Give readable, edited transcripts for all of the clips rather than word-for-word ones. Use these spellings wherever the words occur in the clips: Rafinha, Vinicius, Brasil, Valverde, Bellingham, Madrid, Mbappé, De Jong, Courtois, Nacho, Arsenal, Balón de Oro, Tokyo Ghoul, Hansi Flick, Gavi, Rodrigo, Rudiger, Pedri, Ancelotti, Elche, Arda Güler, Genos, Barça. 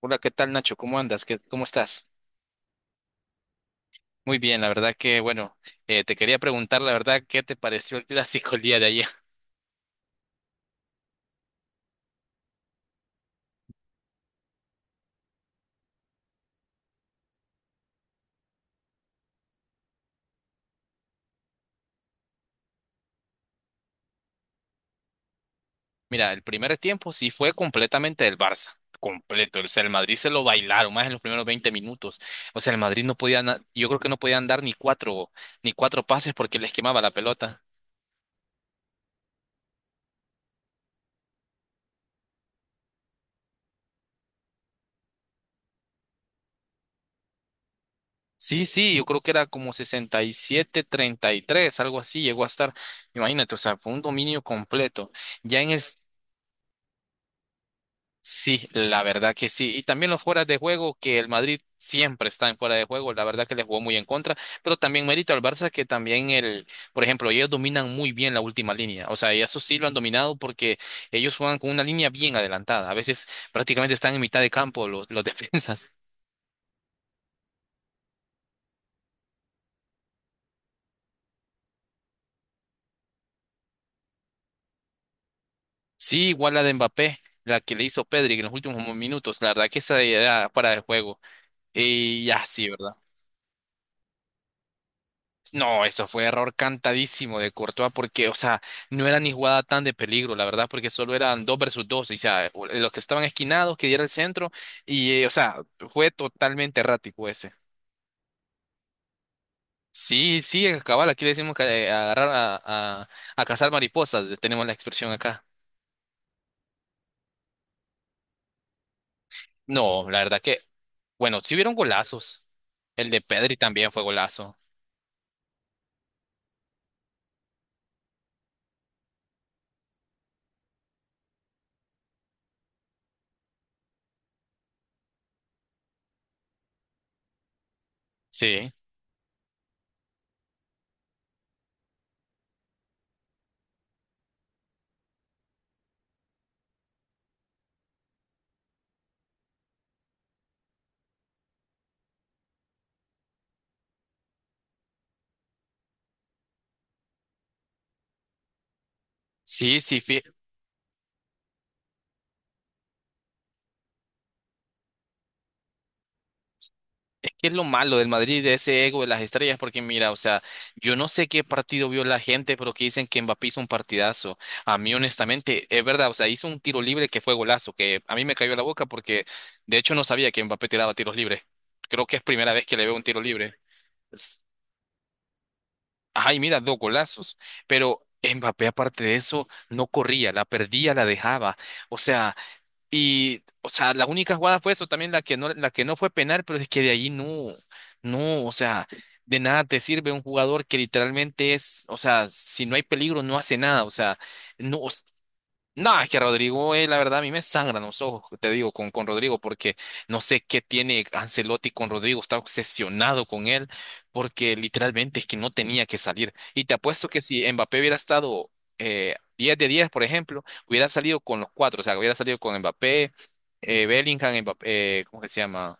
Hola, ¿qué tal Nacho? ¿Cómo andas? ¿Cómo estás? Muy bien, la verdad que, bueno, te quería preguntar, la verdad, ¿qué te pareció el clásico el día de ayer? Mira, el primer tiempo sí fue completamente del Barça, completo. O sea, el Madrid se lo bailaron más en los primeros 20 minutos. O sea, el Madrid no podía, yo creo que no podían dar ni cuatro pases porque les quemaba la pelota. Sí, sí, yo creo que era como 67-33, algo así llegó a estar. Imagínate, o sea, fue un dominio completo. Ya en el. Sí, la verdad que sí. Y también los fueras de juego, que el Madrid siempre está en fuera de juego, la verdad que le jugó muy en contra, pero también mérito al Barça que también el, por ejemplo, ellos dominan muy bien la última línea, o sea, y eso sí lo han dominado porque ellos juegan con una línea bien adelantada, a veces prácticamente están en mitad de campo los defensas. Sí, igual la de Mbappé, la que le hizo Pedri en los últimos minutos, la verdad que esa era fuera de juego. Y ya sí, ¿verdad? No, eso fue error cantadísimo de Courtois porque, o sea, no era ni jugada tan de peligro, la verdad, porque solo eran 2 versus 2, o sea, los que estaban esquinados, que diera el centro, y, o sea, fue totalmente errático ese. Sí, sí, cabal, aquí le decimos que agarrar a, a cazar mariposas, tenemos la expresión acá. No, la verdad que, bueno, sí hubieron golazos. El de Pedri también fue golazo. Sí, sí, sí, es que es lo malo del Madrid, de ese ego de las estrellas, porque mira, o sea, yo no sé qué partido vio la gente, pero que dicen que Mbappé hizo un partidazo. A mí, honestamente, es verdad, o sea, hizo un tiro libre que fue golazo, que a mí me cayó la boca porque, de hecho, no sabía que Mbappé tiraba tiros libres. Creo que es primera vez que le veo un tiro libre. Es- Ay, mira, dos golazos. Pero Mbappé, aparte de eso, no corría, la perdía, la dejaba. O sea. Y, o sea, la única jugada fue eso, también la que no fue penal, pero es que de ahí no, no, o sea, de nada te sirve un jugador que literalmente es, o sea, si no hay peligro, no hace nada, o sea, no, no, es que Rodrigo, la verdad, a mí me sangran los ojos, te digo, con Rodrigo, porque no sé qué tiene Ancelotti con Rodrigo, está obsesionado con él, porque literalmente es que no tenía que salir. Y te apuesto que si Mbappé hubiera estado 10 de 10, por ejemplo, hubiera salido con los cuatro, o sea, hubiera salido con Mbappé, Bellingham, Mbappé, ¿cómo que se llama?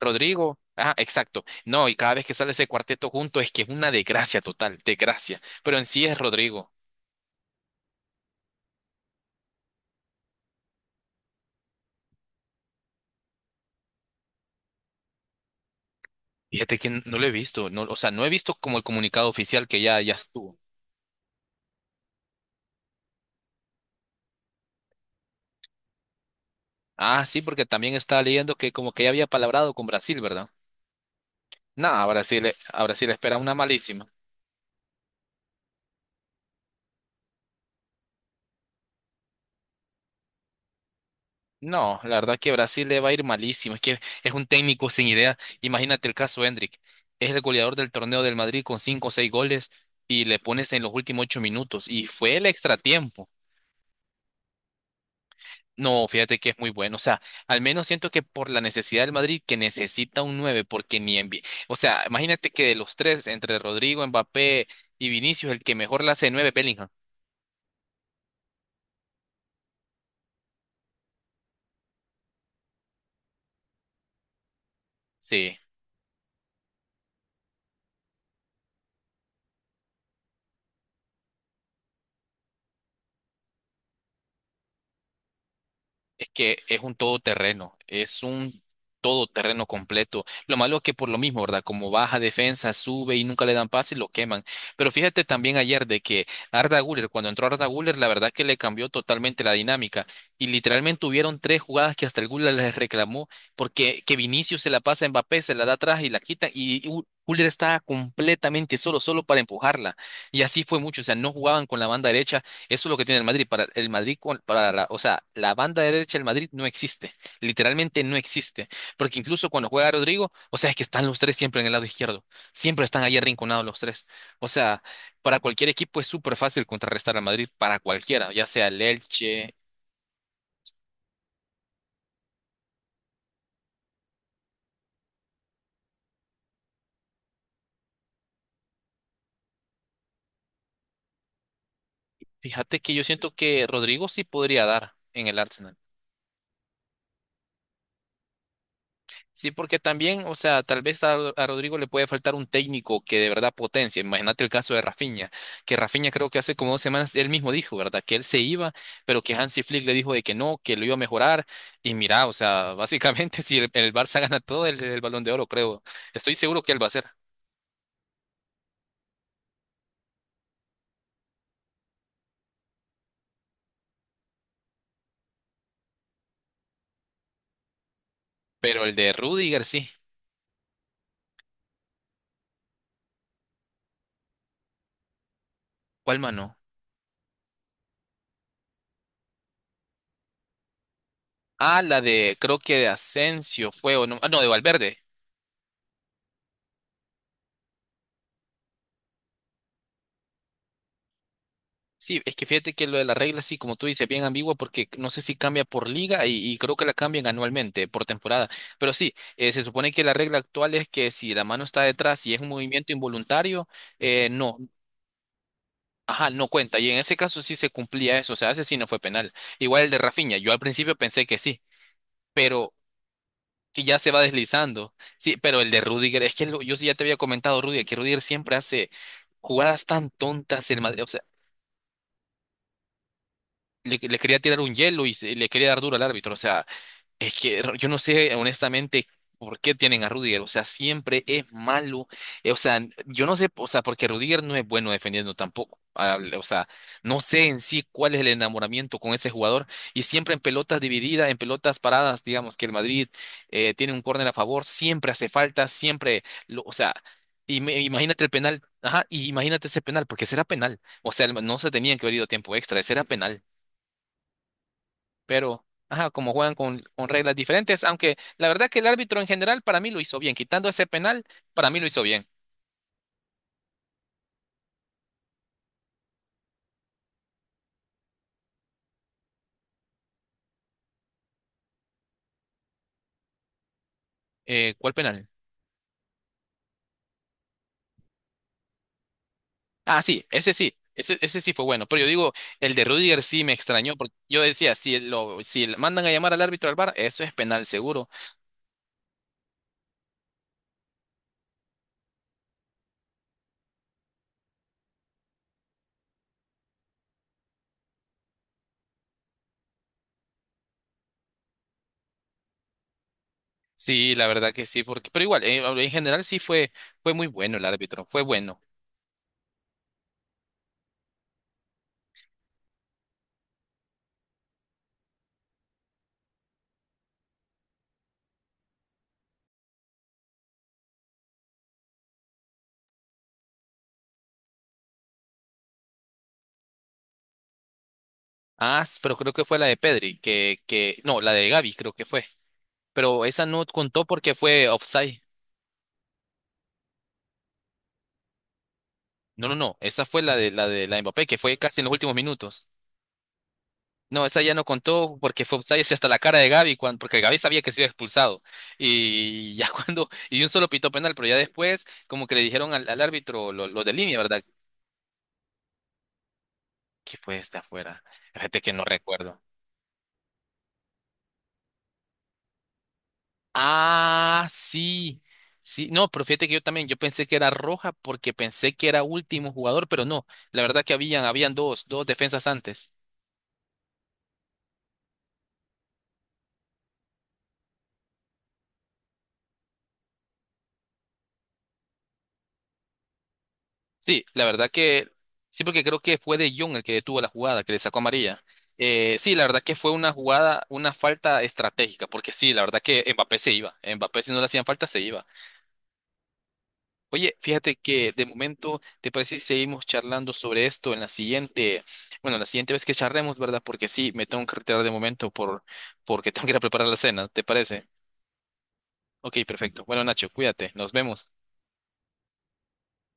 Rodrigo. Ah, exacto. No, y cada vez que sale ese cuarteto junto es que es una desgracia total, desgracia. Pero en sí es Rodrigo. Fíjate que no lo he visto, no, o sea, no he visto como el comunicado oficial que ya, ya estuvo. Ah, sí, porque también estaba leyendo que como que ya había palabrado con Brasil, ¿verdad? No, a Brasil, a Brasil le espera una malísima. No, la verdad que Brasil le va a ir malísimo. Es que es un técnico sin idea. Imagínate el caso Hendrik, es el goleador del torneo del Madrid con 5 o 6 goles y le pones en los últimos 8 minutos. Y fue el extratiempo. No, fíjate que es muy bueno. O sea, al menos siento que por la necesidad del Madrid, que necesita un 9 porque ni en... O sea, imagínate que de los tres, entre Rodrigo, Mbappé y Vinicius, el que mejor la hace de 9 Bellingham. Sí. Es que es un todoterreno completo. Lo malo es que por lo mismo, ¿verdad? Como baja defensa, sube y nunca le dan pase y lo queman. Pero fíjate también ayer de que Arda Güler, cuando entró Arda Güler, la verdad que le cambió totalmente la dinámica. Y literalmente hubieron 3 jugadas que hasta el Güler les reclamó porque que Vinicius se la pasa a Mbappé, se la da atrás y la quitan y Güler estaba completamente solo, solo para empujarla. Y así fue mucho, o sea, no jugaban con la banda derecha, eso es lo que tiene el Madrid. Para el Madrid, para la, o sea, la banda derecha del Madrid no existe. Literalmente no existe. Porque incluso cuando juega Rodrigo, o sea, es que están los tres siempre en el lado izquierdo. Siempre están ahí arrinconados los tres. O sea, para cualquier equipo es súper fácil contrarrestar al Madrid, para cualquiera, ya sea el Elche. Fíjate que yo siento que Rodrigo sí podría dar en el Arsenal. Sí, porque también, o sea, tal vez a, a Rodrigo le puede faltar un técnico que de verdad potencie. Imagínate el caso de Rafinha, que Rafinha creo que hace como 2 semanas él mismo dijo, ¿verdad? Que él se iba, pero que Hansi Flick le dijo de que no, que lo iba a mejorar. Y mira, o sea, básicamente si el Barça gana todo el Balón de Oro, creo. Estoy seguro que él va a ser. Pero el de Rudiger sí. ¿Cuál mano? Ah, la de, creo que de Asensio fue, o no, ah, no, de Valverde. Sí, es que fíjate que lo de la regla, sí, como tú dices, bien ambigua porque no sé si cambia por liga y creo que la cambian anualmente, por temporada. Pero sí, se supone que la regla actual es que si la mano está detrás y es un movimiento involuntario, eh, no, ajá, no cuenta. Y en ese caso sí se cumplía eso, o sea, ese sí no fue penal. Igual el de Rafinha, yo al principio pensé que sí, pero que ya se va deslizando. Sí, pero el de Rudiger, es que yo sí ya te había comentado, Rudiger, que Rudiger siempre hace jugadas tan tontas, el, o sea, le quería tirar un hielo y le quería dar duro al árbitro. O sea, es que yo no sé honestamente por qué tienen a Rudiger, o sea, siempre es malo, o sea, yo no sé, o sea, porque Rudiger no es bueno defendiendo tampoco, ah, o sea, no sé en sí cuál es el enamoramiento con ese jugador y siempre en pelotas divididas, en pelotas paradas, digamos que el Madrid tiene un córner a favor, siempre hace falta, siempre, o sea, imagínate el penal, ajá, y imagínate ese penal, porque será penal, o sea, no se tenían que haber ido a tiempo extra, ese era penal, pero ajá, como juegan con reglas diferentes, aunque la verdad que el árbitro en general para mí lo hizo bien, quitando ese penal, para mí lo hizo bien. ¿Cuál penal? Ah, sí. Ese sí fue bueno, pero yo digo, el de Rudiger sí me extrañó, porque yo decía, si lo, si le mandan a llamar al árbitro al bar eso es penal seguro. Sí, la verdad que sí, porque, pero igual, en general sí fue, fue muy bueno el árbitro, fue bueno. Ah, pero creo que fue la de Pedri, que, no, la de Gavi creo que fue, pero esa no contó porque fue offside. No, no, no. Esa fue la de la de la de Mbappé, que fue casi en los últimos minutos. No, esa ya no contó porque fue offside hasta la cara de Gaby, cuando, porque Gaby sabía que se iba expulsado. Y ya cuando, y un solo pitó penal, pero ya después, como que le dijeron al, al árbitro lo de línea, ¿verdad? Que fue esta afuera. Fíjate que no recuerdo. Ah, sí. Sí, no, pero fíjate que yo también, yo pensé que era roja porque pensé que era último jugador, pero no, la verdad que habían, habían 2, 2 defensas antes. Sí, la verdad que sí, porque creo que fue De Jong el que detuvo la jugada, que le sacó amarilla. Sí, la verdad que fue una jugada, una falta estratégica, porque sí, la verdad que Mbappé se iba. Mbappé, si no le hacían falta, se iba. Oye, fíjate que de momento, ¿te parece si seguimos charlando sobre esto en la siguiente, bueno, la siguiente vez que charlemos, ¿verdad? Porque sí, me tengo que retirar de momento por, porque tengo que ir a preparar la cena, ¿te parece? Ok, perfecto. Bueno, Nacho, cuídate, nos vemos.